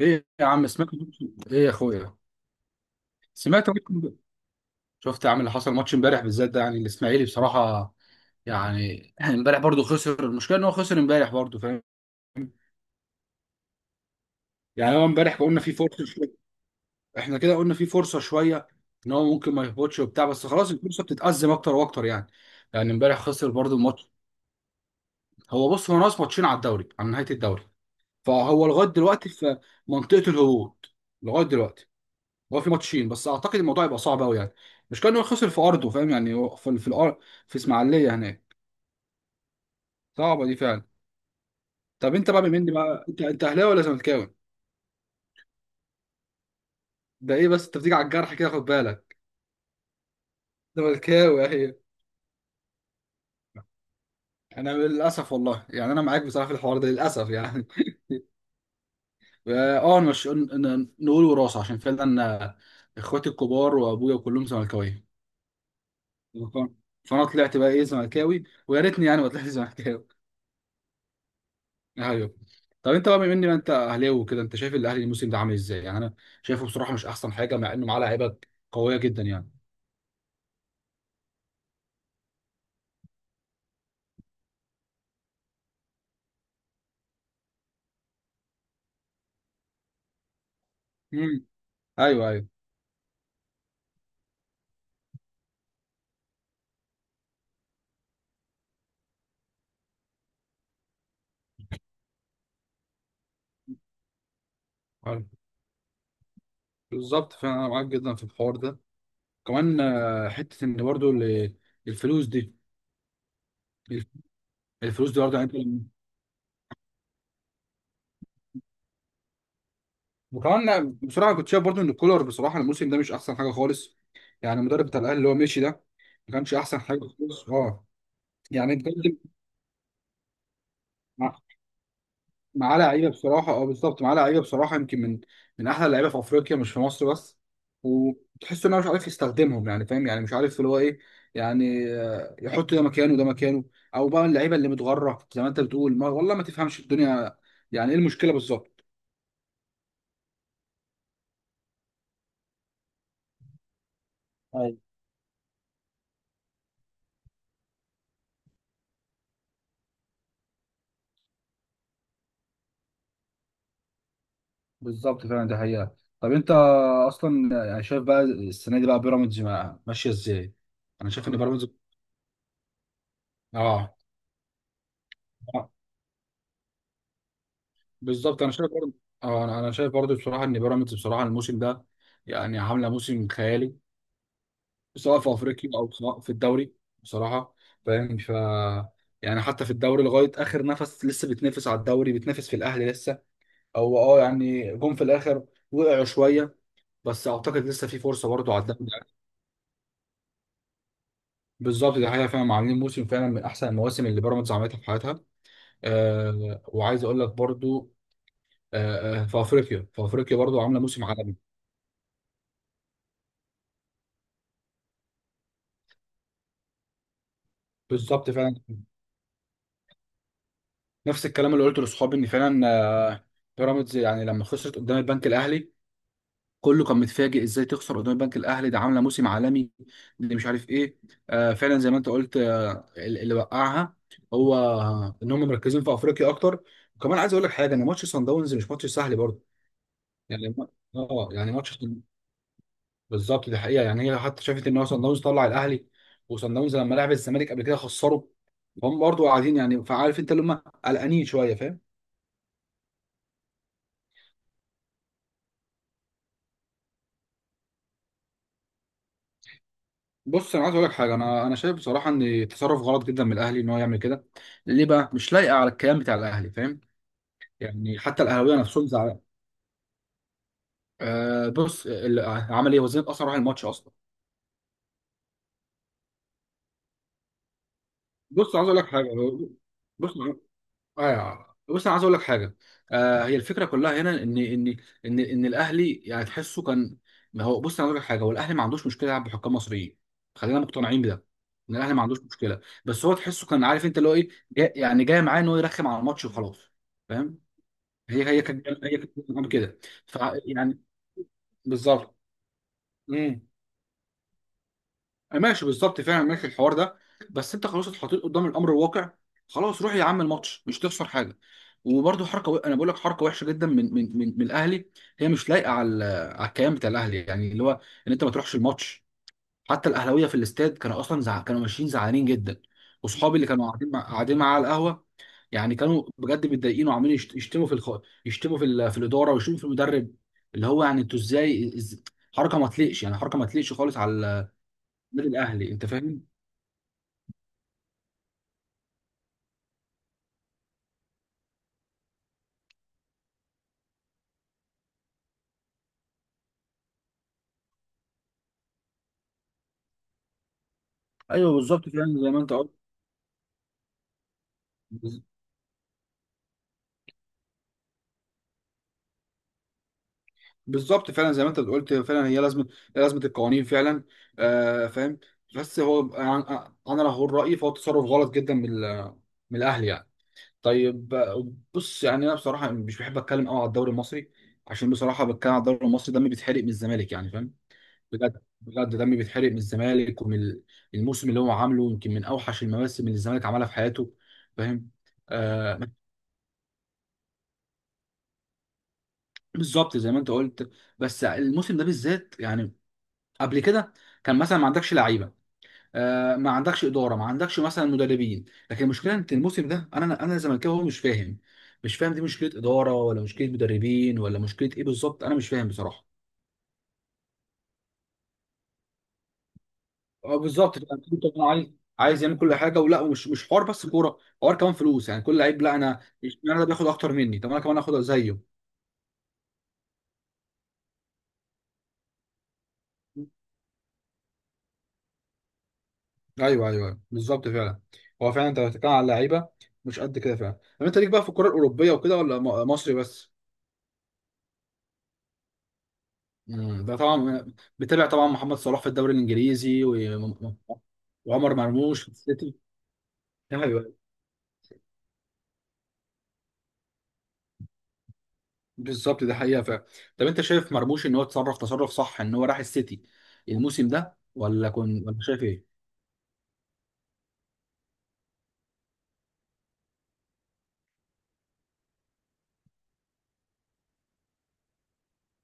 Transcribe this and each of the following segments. ايه يا عم، سمعت؟ ايه يا اخويا. سمعت. شفت يا عم اللي حصل ماتش امبارح؟ بالذات ده يعني الاسماعيلي بصراحه، يعني امبارح برضو خسر. المشكله ان هو خسر امبارح برضو، فاهم؟ يعني هو امبارح قلنا في فرصه شويه، احنا كده قلنا في فرصه شويه ان هو ممكن ما يهبطش وبتاع، بس خلاص الفرصه بتتأزم اكتر واكتر يعني. يعني امبارح خسر برضو الماتش. هو بص، هو ناقص ماتشين على الدوري، على نهايه الدوري. فهو لغايه دلوقتي في منطقه الهبوط لغايه دلوقتي. هو في ماتشين بس، اعتقد الموضوع يبقى صعب قوي يعني. مش كان هو خسر في ارضه، فاهم يعني؟ هو في الارض، في اسماعيليه هناك. صعبه دي فعلا. طب انت بقى مني بقى، انت اهلاوي ولا زملكاوي؟ ده ايه بس، انت بتيجي على الجرح كده، خد بالك. زملكاوي اهي. انا للاسف والله، يعني انا معاك بصراحه في الحوار ده للاسف يعني. اه، مش نقول وراثه؟ عشان فعلا اخواتي الكبار وابويا كلهم زملكاويه. فانا طلعت بقى ايه، زملكاوي، ويا ريتني يعني ما طلعت زملكاوي. ايوه. طب انت بقى بما ان انت اهلاوي وكده، انت شايف الاهلي الموسم ده عامل ازاي؟ يعني انا شايفه بصراحه مش احسن حاجه، مع انه معاه لعيبه قويه جدا يعني. امم ايوه، ايوه. أيوة، بالظبط. فانا معاك جدا في الحوار ده. كمان حته ان برضو الفلوس دي. الف- الفلوس دي برضو يعني وكمان أنا بصراحه كنت شايف برضو ان الكولر بصراحه الموسم ده مش احسن حاجه خالص، يعني المدرب بتاع الاهلي اللي هو مشي ده ما كانش احسن حاجه خالص، اه. يعني بجد معاه لعيبه بصراحه، اه بالظبط، معاه لعيبه بصراحه يمكن من احلى اللعيبه في افريقيا مش في مصر بس. وتحس انه مش عارف يستخدمهم يعني، فاهم يعني؟ مش عارف اللي هو ايه، يعني يحط ده مكانه ده مكانه، او بقى اللعيبه اللي متغره زي ما انت بتقول، ما والله ما تفهمش الدنيا يعني ايه المشكله بالظبط. أيوة، بالظبط فعلا. ده حقيقه. طب انت اصلا يعني شايف بقى السنه دي بقى بيراميدز ماشيه ازاي؟ انا شايف ان بيراميدز، اه. بالظبط، انا شايف برضه. اه، أنا شايف برضه بصراحه ان بيراميدز بصراحه الموسم ده يعني عامله موسم خيالي، سواء في افريقيا او سواء في الدوري. بصراحه، فاهم. ف يعني حتى في الدوري لغايه اخر نفس لسه بتنافس على الدوري، بتنافس في الاهلي لسه. هو اه يعني جم في الاخر، وقعوا شويه، بس اعتقد لسه في فرصه برضه على الدوري. بالظبط، دي حقيقه فعلا. عاملين موسم فعلا من احسن المواسم اللي بيراميدز عملتها في حياتها. أه، وعايز اقول لك برضه أه، في افريقيا، في افريقيا برضه عامله موسم عالمي. بالظبط فعلا. نفس الكلام اللي قلته لاصحابي، ان فعلا آه، بيراميدز يعني لما خسرت قدام البنك الاهلي كله كان متفاجئ، ازاي تخسر قدام البنك الاهلي ده؟ عامله موسم عالمي دي، مش عارف ايه. فعلا زي ما انت قلت، اللي وقعها هو ان هم مركزين في افريقيا اكتر. وكمان عايز اقول لك حاجه، ان ماتش سان داونز مش ماتش سهل برضه. يعني اه يعني ماتش، بالظبط دي حقيقه. يعني هي حتى شافت ان هو سان داونز طلع الاهلي، وسان داونز لما لعب الزمالك قبل كده خسره. هم برضه قاعدين يعني، فعارف انت اللي هم قلقانين شويه، فاهم. بص، انا عايز اقول لك حاجه، انا شايف بصراحه ان تصرف غلط جدا من الاهلي ان هو يعمل كده. ليه بقى؟ مش لايقه على الكيان بتاع الاهلي، فاهم؟ يعني حتى الاهلاويه نفسهم زعلان. آه، بص عمل ايه وزين اثر راح الماتش اصلا. بص عايز اقول لك حاجه. بص، ايوه بص، انا عايز اقول لك حاجه. آه، هي الفكره كلها هنا ان ان الاهلي يعني تحسه كان، ما هو بص انا اقول لك حاجه، هو الاهلي ما عندوش مشكله يلعب بحكام مصريين. خلينا مقتنعين بده، ان الاهلي ما عندوش مشكله. بس هو تحسه كان عارف انت اللي هو ايه جاي، يعني جاي معاه ان هو يرخم على الماتش وخلاص، فاهم؟ هي كانت، كانت كده. ف يعني بالظبط. مم. ماشي، بالظبط فاهم، ماشي الحوار ده. بس انت خلاص اتحطيت قدام الامر الواقع، خلاص روح يا عم الماتش، مش تخسر حاجه. وبرده حركه و... انا بقول لك حركه وحشه جدا من الاهلي. هي مش لايقه على على الكيان بتاع الاهلي، يعني اللي هو ان انت ما تروحش الماتش. حتى الاهلاويه في الاستاد كانوا اصلا زع... كانوا ماشيين زعلانين جدا. واصحابي اللي كانوا قاعدين مع... قاعدين معاه على القهوه يعني كانوا بجد متضايقين وعمالين يشتموا في الخ... يشتموا في ال... في الاداره، ويشتموا في المدرب. اللي هو يعني انتوا ازاي إز... حركه ما تليقش يعني، حركه ما تليقش خالص على النادي الاهلي، انت فاهم. ايوه بالظبط فعلا، زي ما انت قلت. بز- بالظبط فعلا زي ما انت قلت، فعلا هي لازمه، لازمه القوانين فعلا. آه فاهم. بس هو انا، لو هقول رايي فهو تصرف غلط جدا من من الاهلي يعني. طيب بص يعني انا بصراحه مش بحب اتكلم قوي على الدوري المصري، عشان بصراحه بتكلم على الدوري المصري دمي بيتحرق من الزمالك يعني، فاهم. بجد بجد دمي بيتحرق من الزمالك ومن الموسم اللي هو عامله، يمكن من اوحش المواسم اللي الزمالك عملها في حياته، فاهم. آه، بالظبط زي ما انت قلت. بس الموسم ده بالذات يعني، قبل كده كان مثلا ما عندكش لعيبه، آه ما عندكش اداره، ما عندكش مثلا مدربين. لكن المشكله انت الموسم ده، انا زملكاوي هو مش فاهم، مش فاهم دي مشكله اداره ولا مشكله مدربين ولا مشكله ايه بالظبط، انا مش فاهم بصراحه. اه بالظبط، كان في طبعاً عايز، عايز يعمل كل حاجه. ولا مش حوار بس كوره، حوار كمان فلوس يعني. كل لعيب لا، انا اشمعنى ده بياخد اكتر مني؟ طب انا كمان اخد زيه. ايوه ايوه بالظبط فعلا. هو فعلا انت بتتكلم على لعيبه مش قد كده فعلا. طب انت ليك بقى في الكره الاوروبيه وكده ولا مصري بس؟ امم، ده طبعا. بتابع طبعا محمد صلاح في الدوري الانجليزي و وعمر مرموش في السيتي. ايوه بالظبط، ده حقيقه فعلا. طب انت شايف مرموش ان هو اتصرف تصرف صح ان هو راح السيتي الموسم ده، ولا كنت ولا شايف ايه؟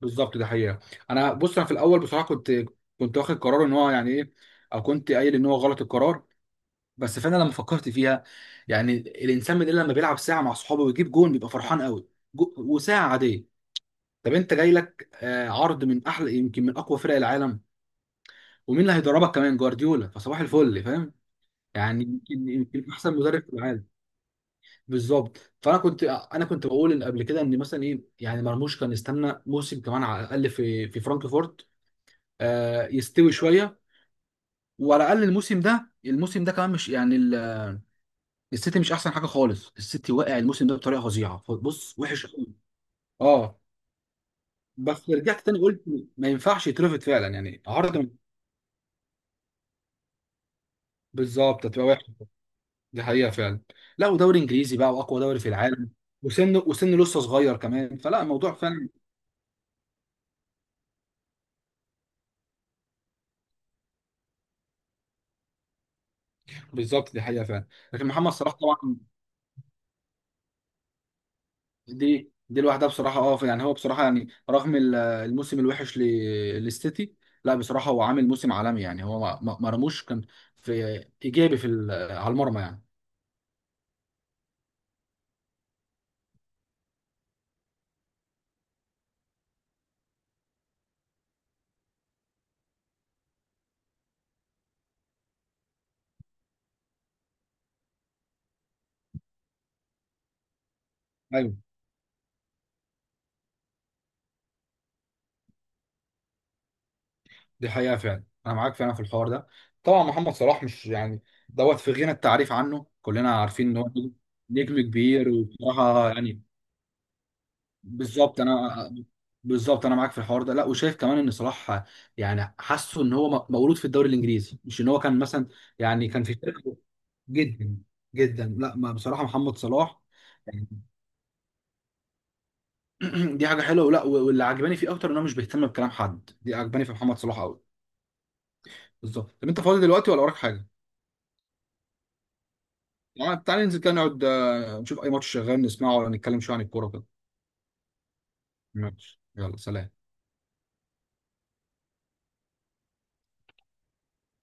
بالظبط، ده حقيقه. انا بص، انا في الاول بصراحه كنت، كنت واخد قرار ان هو يعني ايه، او كنت قايل ان هو غلط القرار. بس فانا لما فكرت فيها، يعني الانسان من اللي لما بيلعب ساعه مع صحابه ويجيب جون بيبقى فرحان قوي، وساعه عاديه. طب انت جاي لك عرض من احلى يمكن من اقوى فرق العالم، ومين اللي هيدربك كمان؟ جوارديولا، فصباح الفل، فاهم؟ يعني يمكن، يمكن احسن مدرب في العالم. بالظبط. فانا كنت، انا كنت بقول ان قبل كده ان مثلا ايه يعني، مرموش كان يستنى موسم كمان على الاقل في فرانكفورت، يستوي شويه. وعلى الاقل الموسم ده، الموسم ده كمان مش يعني. السيتي مش احسن حاجه خالص، السيتي واقع الموسم ده بطريقه فظيعه. بص، وحش قوي، اه. بس رجعت تاني قلت، ما ينفعش يترفض فعلا يعني عرض بالظبط، هتبقى وحش. دي حقيقه فعلا. لا، ودوري انجليزي بقى، واقوى دوري في العالم. وسن لسه صغير كمان، فلا الموضوع فعلا. بالظبط دي حقيقه فعلا. لكن محمد صلاح طبعا، دي لوحدها بصراحه، اه. يعني هو بصراحه، يعني رغم الموسم الوحش للسيتي، لا بصراحه هو عامل موسم عالمي. يعني هو ما ما- ما رموش كان في ايجابي في على المرمى يعني. دي حقيقة فعلا، أنا معاك فعلا في الحوار ده. طبعا محمد صلاح مش يعني، دوت في غنى التعريف عنه، كلنا عارفين إن هو نجم، نجم كبير وبصراحة يعني. بالظبط أنا، بالظبط أنا معاك في الحوار ده. لا، وشايف كمان إن صلاح يعني حاسه إن هو مولود في الدوري الإنجليزي، مش إن هو كان مثلا يعني كان في فرقة. جدا جدا، لا ما بصراحة محمد صلاح يعني دي حاجة حلوة. ولا واللي عجباني فيه أكتر إن هو مش بيهتم بكلام حد، دي عجباني في محمد صلاح أوي. بالظبط. طب أنت فاضي دلوقتي ولا وراك حاجة؟ يعني تعالى ننزل كده نقعد نشوف اي ماتش شغال نسمعه، ولا نتكلم شويه عن الكوره كده. ماشي، يلا سلام.